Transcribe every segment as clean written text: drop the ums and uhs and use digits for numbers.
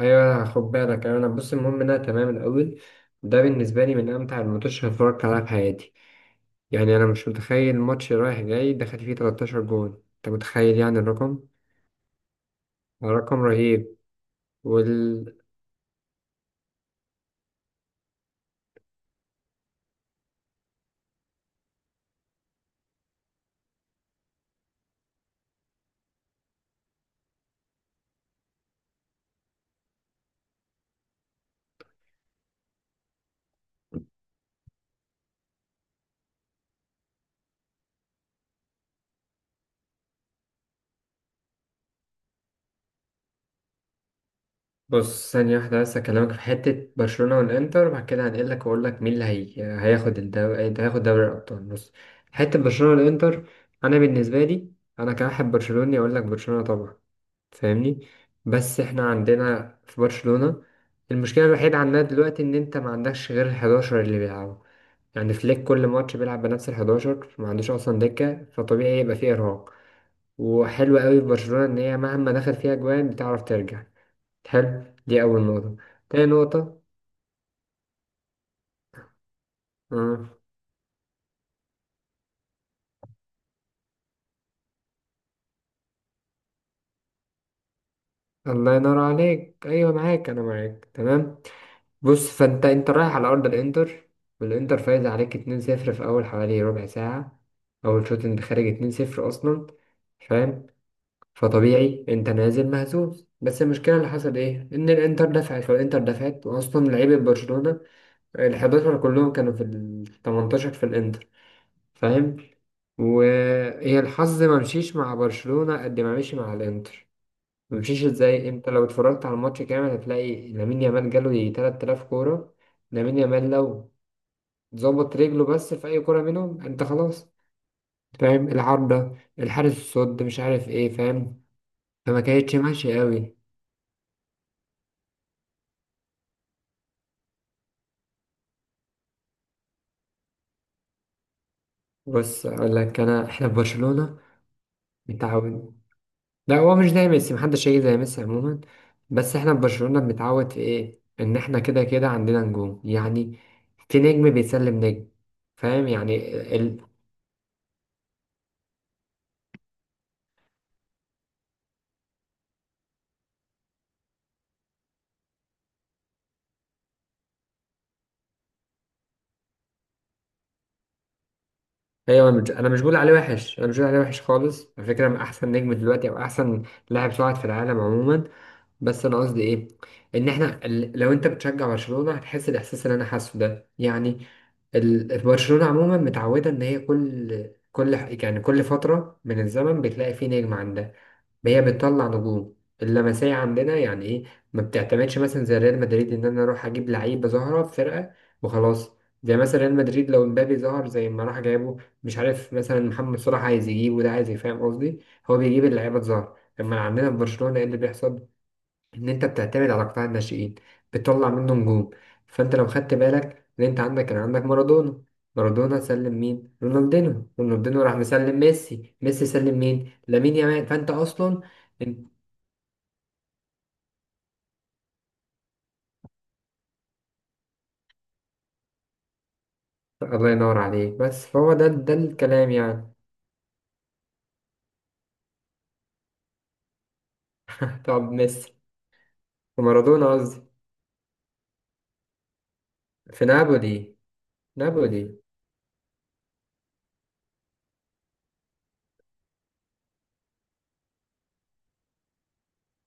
ايوه خد بالك. انا بص، المهم ان انا تمام الاول. ده بالنسبه لي من امتع الماتشات اللي اتفرجت عليها في حياتي. يعني انا مش متخيل ماتش رايح جاي دخل فيه 13 جون، انت متخيل يعني الرقم؟ رقم رهيب. وال بص، ثانيه واحده بس، اكلمك في حته برشلونه والانتر، وبعد كده هنقلك واقول لك مين اللي هي... هياخد الدوري، هياخد دوري الابطال. بص حته برشلونه والانتر، انا بالنسبه لي انا كواحد برشلوني اقول لك برشلونه طبعا، فاهمني. بس احنا عندنا في برشلونة المشكلة الوحيدة عندنا دلوقتي ان انت ما عندكش غير ال11 اللي بيلعبوا، يعني فليك كل ماتش بيلعب بنفس ال11، ما عندوش اصلا دكة، فطبيعي يبقى فيه ارهاق. وحلو قوي في برشلونة ان هي مهما دخل فيها جوان بتعرف ترجع، حلو. دي اول نقطة. تاني نقطة آه. الله ينور عليك، ايوه معاك، انا معاك تمام. بص، فانت انت رايح على ارض الانتر، والانتر فايز عليك 2-0 في اول حوالي ربع ساعه، اول شوط انت خارج 2-0 اصلا، فاهم؟ فطبيعي انت نازل مهزوز، بس المشكله اللي حصل ايه، ان الانتر دفعت والانتر دفعت، واصلا لعيبه برشلونه ال 11 كلهم كانوا في ال 18 في الانتر، فاهم؟ وهي الحظ ما مشيش مع برشلونه قد ما مشي مع الانتر. ممشيش ازاي؟ انت لو اتفرجت على الماتش كامل هتلاقي لامين يامال جاله يجي 3000 كورة. لامين يامال لو ظبط رجله بس في اي كورة منهم، انت خلاص، فاهم؟ العارضة، الحارس، الصد، مش عارف ايه، فاهم؟ فما كانتش ماشية قوي. بص اقول لك، انا احنا في برشلونة متعود. لا هو مش زي ميسي، محدش هيجي زي ميسي عموما. بس احنا في برشلونة بنتعود في ايه، ان احنا كده كده عندنا نجوم يعني، في نجم بيسلم نجم، فاهم يعني؟ ايوه، انا مش بقول عليه وحش، انا مش بقول عليه وحش خالص. على فكره، من احسن نجم دلوقتي، او احسن لاعب صاعد في العالم عموما. بس انا قصدي ايه، ان احنا لو انت بتشجع برشلونه هتحس الاحساس اللي انا حاسه ده يعني. برشلونه عموما متعوده ان هي كل يعني كل فتره من الزمن بتلاقي فيه نجم عندها، هي بتطلع نجوم، اللمسيه عندنا يعني ايه. ما بتعتمدش مثلا زي ريال مدريد ان انا اروح اجيب لعيبه ظاهره في فرقه وخلاص. زي مثلا ريال مدريد لو امبابي ظهر زي ما راح جايبه، مش عارف مثلا محمد صلاح عايز يجيبه، ده عايز يفهم قصدي، هو بيجيب اللعيبه الظاهره. لما عندنا في برشلونه ايه اللي بيحصل؟ ان انت بتعتمد على قطاع الناشئين، بتطلع منه نجوم. فانت لو خدت بالك ان انت عندك كان عندك مارادونا، مارادونا سلم مين؟ رونالدينو. رونالدينو راح مسلم ميسي، ميسي سلم مين؟ لامين يامال. فانت اصلا انت، الله ينور عليك، بس فهو ده ده الكلام يعني. طب ميسي ومارادونا قصدي في نابولي. نابولي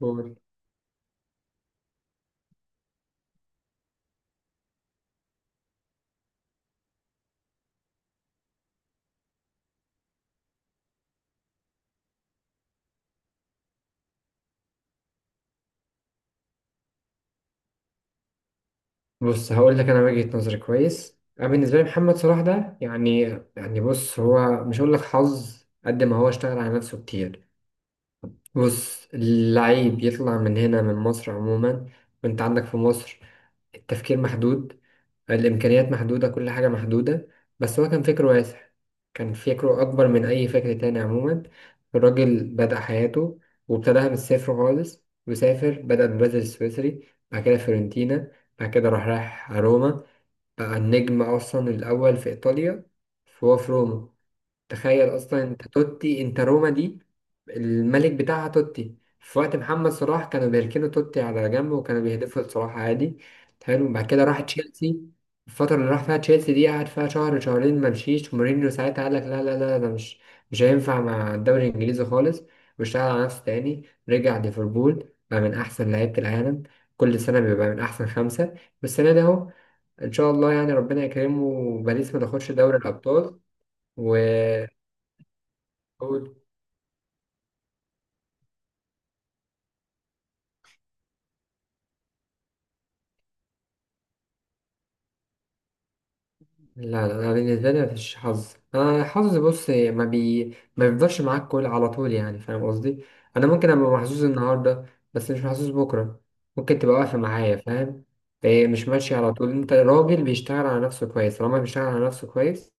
قول. بص هقول لك انا وجهة نظري كويس، انا بالنسبه لي محمد صلاح ده يعني، يعني بص هو مش هقول لك حظ قد ما هو اشتغل على نفسه كتير. بص اللعيب يطلع من هنا من مصر عموما، وانت عندك في مصر التفكير محدود، الإمكانيات محدودة، كل حاجة محدودة، بس هو كان فكره واسع، كان فكره أكبر من أي فكر تاني عموما. الراجل بدأ حياته وابتداها من الصفر خالص، وسافر بدأ بالبازل السويسري، بعد كده فيورنتينا، بعد كده راح رايح روما، بقى النجم أصلا الأول في إيطاليا. فهو في روما، تخيل اصلا انت توتي، انت روما دي الملك بتاعها توتي، في وقت محمد صلاح كانوا بيركنوا توتي على جنب، وكانوا بيهدفوا لصلاح عادي. حلو، بعد كده راح تشيلسي. الفترة اللي راح فيها تشيلسي دي قعد فيها شهر شهرين ما مشيش، ومورينيو ساعتها قال لك لا ده مش هينفع مع الدوري الانجليزي خالص. واشتغل على نفسه تاني، رجع ليفربول، بقى من احسن لعيبة العالم، كل سنة بيبقى من احسن خمسة. والسنة دي اهو، ان شاء الله يعني ربنا يكرمه وباريس ما تاخدش دوري الابطال. و لا لا، أنا بالنسبة لي مفيش حظ. أنا الحظ بص ما بيفضلش معاك كل على طول يعني، فاهم قصدي؟ أنا ممكن أبقى محظوظ النهاردة، بس مش محظوظ بكرة. ممكن تبقى واقفة معايا، فاهم؟ إيه مش ماشي على طول، أنت راجل بيشتغل على نفسه كويس، طالما بيشتغل على نفسه كويس.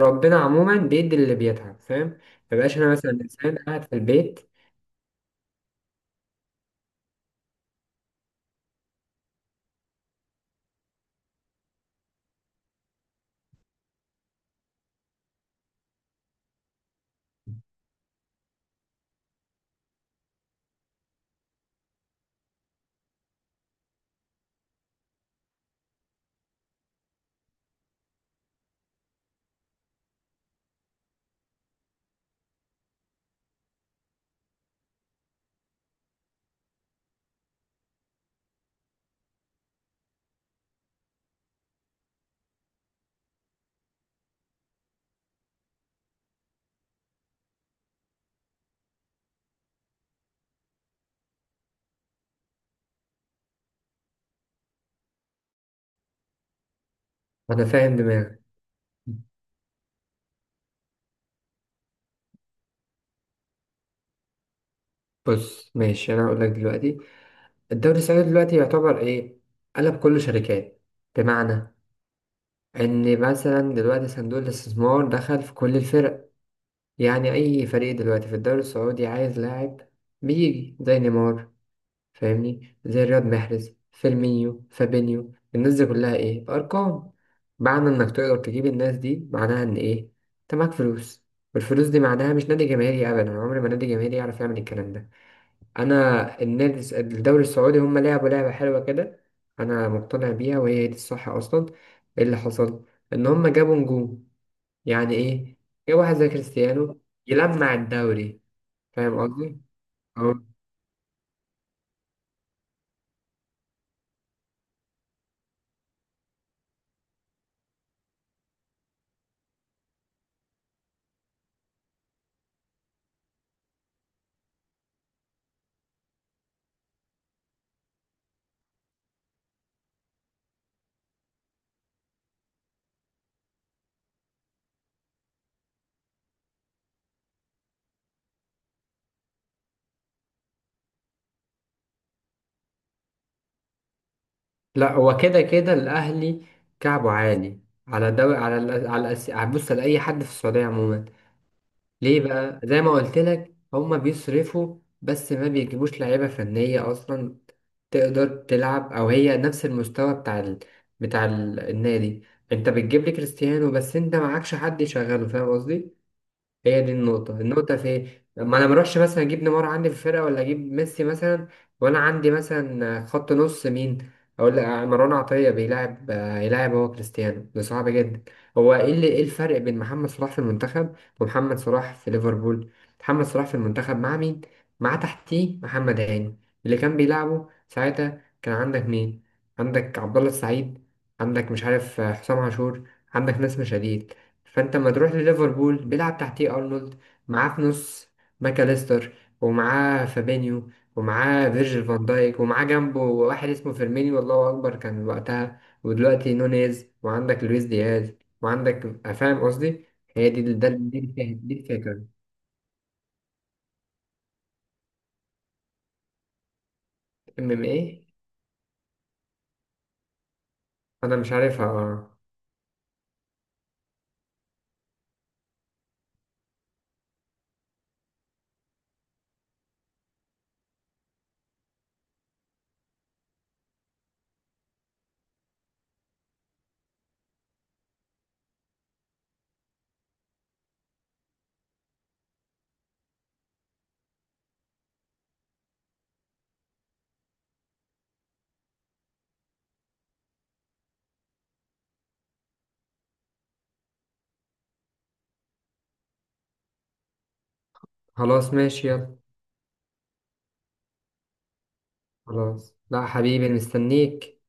ربنا عموما بيدي اللي بيتعب، فاهم؟ مبقاش أنا مثلا إنسان قاعد في البيت. أنا فاهم دماغي. بص ماشي، أنا هقول لك دلوقتي، الدوري السعودي دلوقتي يعتبر إيه؟ قلب كله شركات. بمعنى، ان مثلا دلوقتي صندوق الاستثمار دخل في كل الفرق، يعني اي فريق دلوقتي في الدوري السعودي عايز لاعب بيجي زي نيمار، فاهمني؟ زي رياض محرز، فيرمينيو، فابينيو، الناس دي كلها ايه؟ ارقام. معنى انك تقدر تجيب الناس دي معناها ان ايه، انت معاك فلوس. والفلوس دي معناها مش نادي جماهيري ابدا، عمر ما نادي جماهيري يعرف يعمل الكلام ده. انا الدوري السعودي هم لعبوا لعبه حلوه كده، انا مقتنع بيها وهي دي الصح اصلا. إيه اللي حصل؟ ان هم جابوا نجوم. يعني ايه؟ جابوا واحد زي كريستيانو يلمع الدوري، فاهم قصدي؟ أه. لا هو كده كده الاهلي كعبه عالي على دوري، على على بص لاي حد في السعوديه عموما. ليه بقى؟ زي ما قلت لك هما بيصرفوا، بس ما بيجيبوش لعيبة فنية أصلا تقدر تلعب أو هي نفس المستوى بتاع ال... بتاع النادي. أنت بتجيب لي كريستيانو بس أنت معكش حد يشغله، فاهم قصدي؟ هي دي النقطة. النقطة في إيه؟ ما أنا مروحش مثلا أجيب نيمار عندي في الفرقة ولا أجيب ميسي مثلا، وأنا عندي مثلا خط نص مين؟ أقول لك مروان عطية بيلعب يلعب هو كريستيانو، ده صعب جدا. هو إيه اللي، إيه الفرق بين محمد صلاح في المنتخب ومحمد صلاح في ليفربول؟ محمد صلاح في المنتخب مع مين؟ مع تحتيه محمد هاني اللي كان بيلعبه ساعتها، كان عندك مين؟ عندك عبد الله السعيد، عندك مش عارف حسام عاشور، عندك ناس مشاهير. فانت لما تروح لليفربول بيلعب تحتيه ارنولد، معاه في نص ماكاليستر، ومعاه فابينيو، ومعاه فيرجيل فان دايك، ومعاه جنبه واحد اسمه فيرمينيو، والله اكبر كان وقتها، ودلوقتي نونيز وعندك لويس دياز، وعندك فاهم قصدي؟ هي دي، دي الفكرة، دي الفكرة. ام ام ايه؟ انا مش عارفها اه. خلاص ماشي يلا. خلاص لا حبيبي، مستنيك.